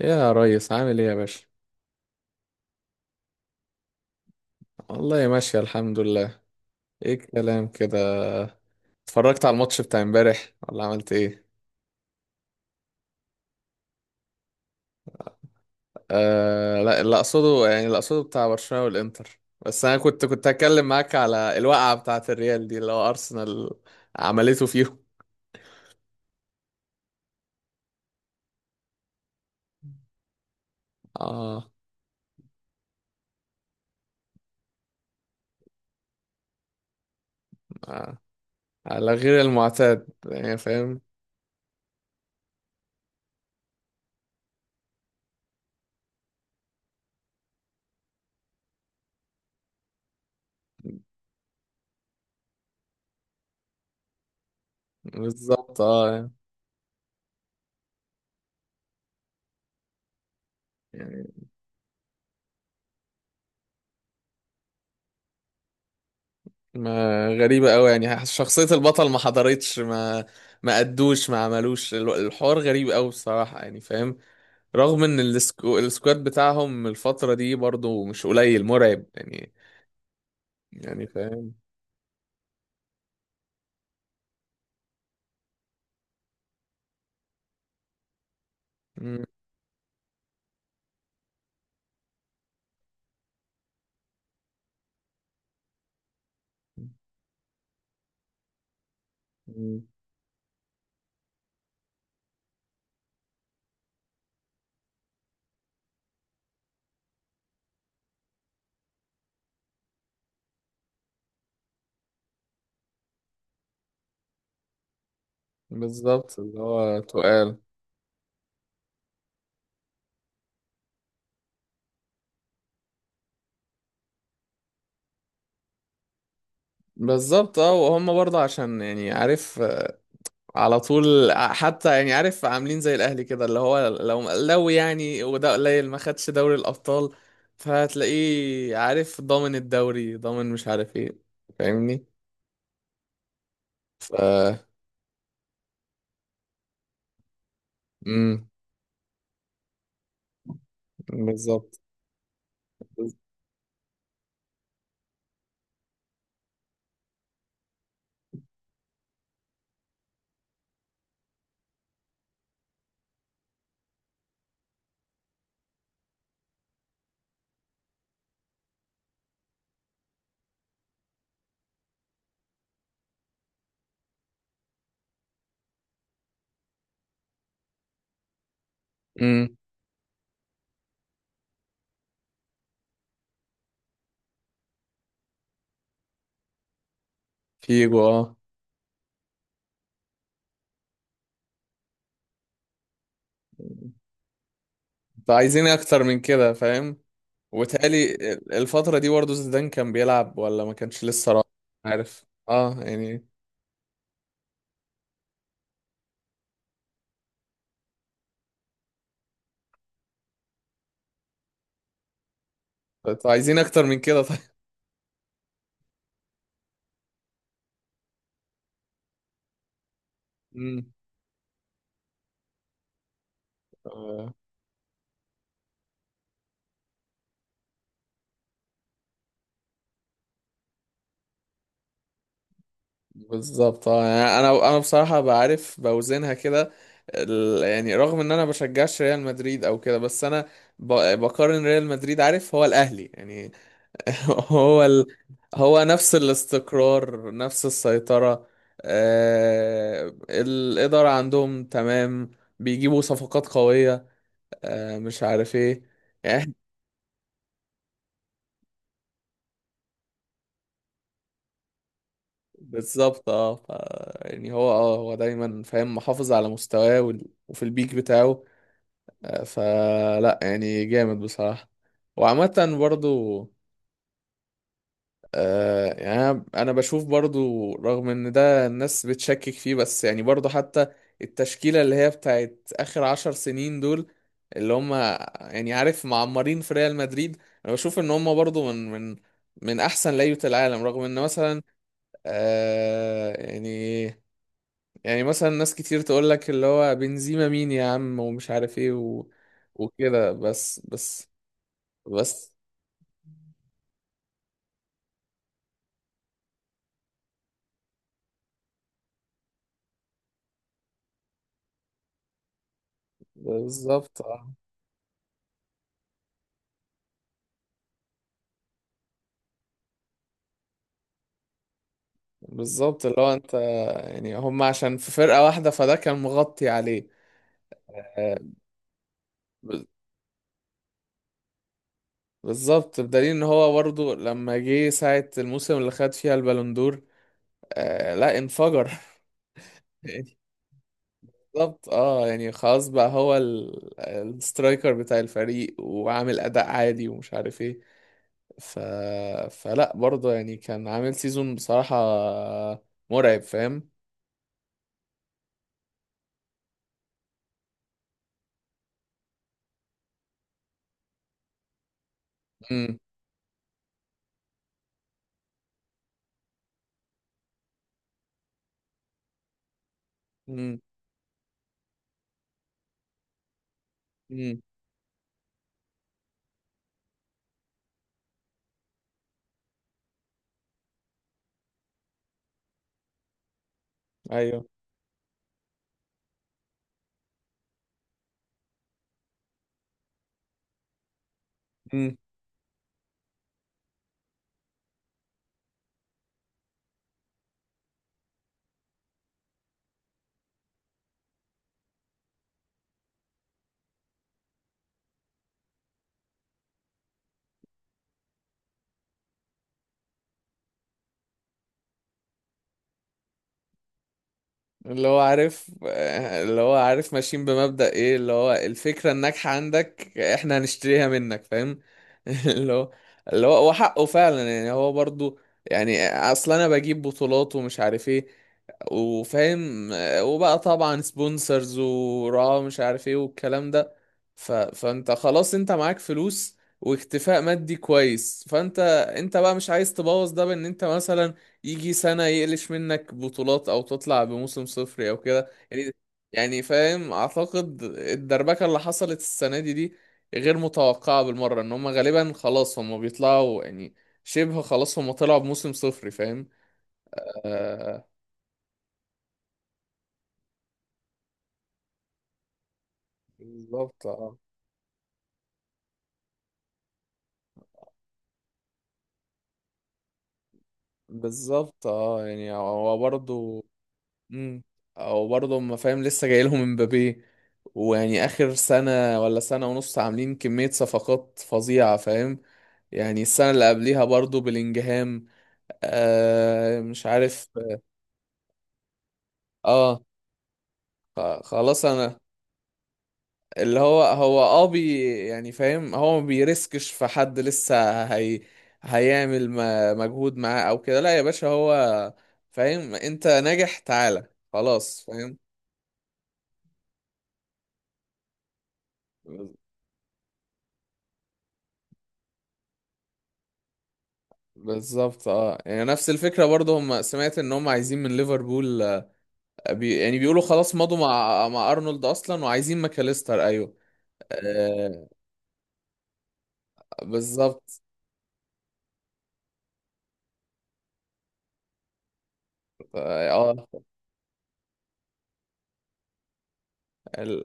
يا ريس، عامل ايه يا باشا؟ والله ماشية الحمد لله. ايه الكلام كده؟ اتفرجت على الماتش بتاع امبارح ولا عملت ايه؟ آه لا، اللي اقصده بتاع برشلونة والانتر. بس انا كنت هتكلم معاك على الوقعة بتاعة الريال دي اللي هو ارسنال عملته فيهم. اه، آه، على غير المعتاد يعني، فاهم. بالظبط اه، يعني ما، غريبة قوي، يعني شخصية البطل ما حضرتش، ما ادوش ما عملوش الحوار، غريب قوي بصراحة يعني فاهم. رغم ان السكواد بتاعهم الفترة دي برضو مش قليل، مرعب يعني. يعني فاهم. مم. مم. بالظبط اللي هو تقال. بالظبط اه، وهم برضه عشان يعني عارف، آه، على طول، آه، حتى يعني عارف عاملين زي الاهلي كده، اللي هو لو يعني وده قليل ما خدش دوري الابطال. فهتلاقيه عارف ضامن الدوري ضامن مش عارف ايه، فاهمني؟ ف امم. بالظبط. امم. فيجو اه. فعايزين اكتر من كده فاهم؟ وتالي الفترة دي برضه زيدان كان بيلعب ولا ما كانش لسه راح؟ عارف اه يعني. انتوا عايزين اكتر من كده طيب؟ امم. آه. بالظبط اه، يعني انا بصراحة بعرف بوزنها كده. يعني رغم ان انا بشجعش ريال مدريد او كده، بس انا بقارن ريال مدريد، عارف، هو الاهلي يعني. هو ال... هو نفس الاستقرار نفس السيطرة. الإدارة عندهم تمام، بيجيبوا صفقات قوية، مش عارف ايه يعني. بالظبط اه، يعني هو دايما فاهم محافظ على مستواه، وفي البيك بتاعه. فلا يعني جامد بصراحة. وعامة برضو آه يعني، انا بشوف برضو رغم ان ده الناس بتشكك فيه، بس يعني برضو حتى التشكيلة اللي هي بتاعت اخر 10 سنين دول، اللي هم يعني عارف معمرين في ريال مدريد، انا بشوف ان هم برضو من احسن لعيبة العالم، رغم ان مثلا آه يعني، يعني مثلا ناس كتير تقول لك اللي هو بنزيما مين يا عم ومش عارف ايه، وكده بس. بس بالظبط آه. بالظبط، اللي هو انت يعني هم عشان في فرقة واحدة، فده كان مغطي عليه. آه، ب- بالظبط بدليل ان هو برضه لما جه ساعة الموسم اللي خد فيها البالوندور آه لا انفجر. يعني بالظبط اه، يعني خلاص بقى هو السترايكر بتاع الفريق، وعامل اداء عادي ومش عارف ايه. ف... فلا برضه يعني كان عامل سيزون بصراحة مرعب فاهم. امم، امم، امم، ايوه. اللي هو عارف اللي هو عارف ماشيين بمبدأ ايه، اللي هو الفكرة الناجحة عندك احنا هنشتريها منك فاهم. اللي هو اللي هو وحقه فعلا يعني هو برضو، يعني اصل انا بجيب بطولات ومش عارف ايه وفاهم، وبقى طبعا سبونسرز وراه مش عارف ايه والكلام ده. فانت خلاص انت معاك فلوس واكتفاء مادي كويس، فانت انت بقى مش عايز تبوظ ده بان انت مثلا يجي سنة يقلش منك بطولات أو تطلع بموسم صفري أو كده يعني. يعني فاهم، أعتقد الدربكة اللي حصلت السنة دي غير متوقعة بالمرة، إن هما غالبا خلاص هما بيطلعوا يعني شبه خلاص، هما طلعوا بموسم صفري فاهم. آه، بالظبط اه. بالظبط اه يعني، هو برضه امم. او برضه ما فاهم، لسه جاي لهم امبابي ويعني اخر سنه ولا سنه ونص عاملين كميه صفقات فظيعه فاهم. يعني السنه اللي قبليها برضه بلينجهام، آه مش عارف. اه، خلاص انا، اللي هو اه بي، يعني فاهم هو ما بيرسكش في حد لسه، هي هيعمل مجهود معاه او كده، لا يا باشا، هو فاهم، انت ناجح تعالى خلاص فاهم. بالظبط اه، يعني نفس الفكرة برضه، هم سمعت ان هم عايزين من ليفربول آه، يعني بيقولوا خلاص مضوا مع ارنولد اصلا، وعايزين ماكاليستر، ايوه. آه بالظبط اه آه. ال-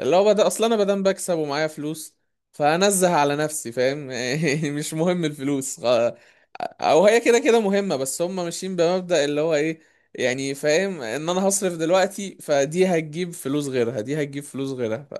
اللي هو بدأ اصلا، انا بدام بكسب ومعايا فلوس، فانزه على نفسي فاهم. يعني مش مهم الفلوس، او هي كده كده مهمة، بس هم ماشيين بمبدأ اللي هو ايه، يعني فاهم ان انا هصرف دلوقتي فدي هتجيب فلوس غيرها، دي هتجيب فلوس غيرها،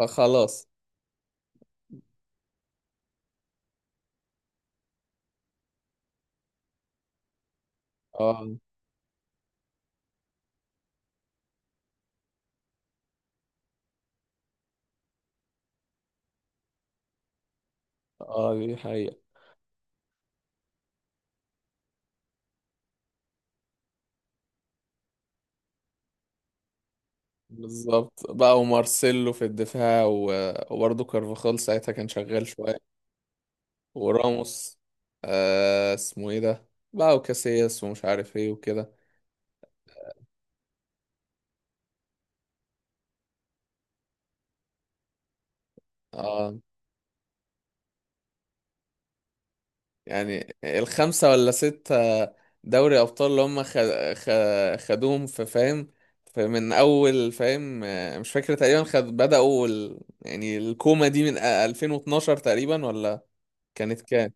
فخلاص. اه اه دي حقيقة. بالظبط بقى، ومارسيلو في الدفاع، وبرضه كارفاخال ساعتها كان شغال شوية، وراموس، آه اسمه ايه ده، بقى وكاسياس ومش عارف ايه وكده. اه يعني الخمسة ولا ستة دوري أبطال اللي هم خ... خدوهم في، فاهم؟ فمن أول، فاهم، آه مش فاكر تقريبا خد، بدأوا يعني الكومة دي من 2012 تقريبا، ولا كانت كام؟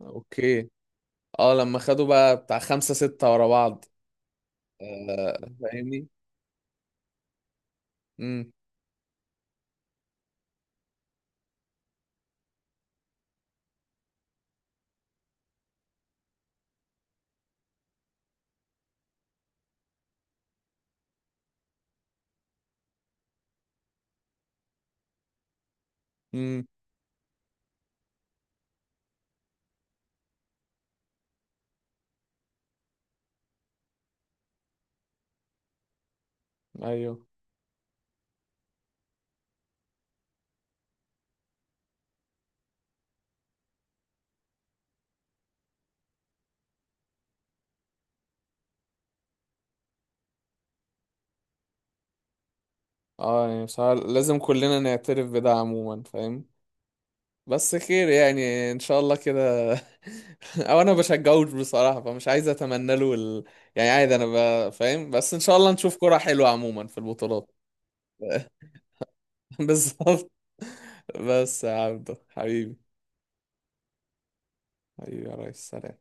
اوكي. اه لما خدوا بقى بتاع خمسة ستة ورا بعض. آه، فاهمني. امم. امم. ايوه. اه يعني بصراحة لازم كلنا نعترف بده عموما، فاهم. بس خير يعني ان شاء الله كده. او انا بشجعوش بصراحة، فمش عايز اتمنى له يعني عادي، انا فاهم، بس ان شاء الله نشوف كرة حلوة عموما في البطولات. بالظبط. بس يا عبدو حبيبي، حبيبي يا ريس، سلام.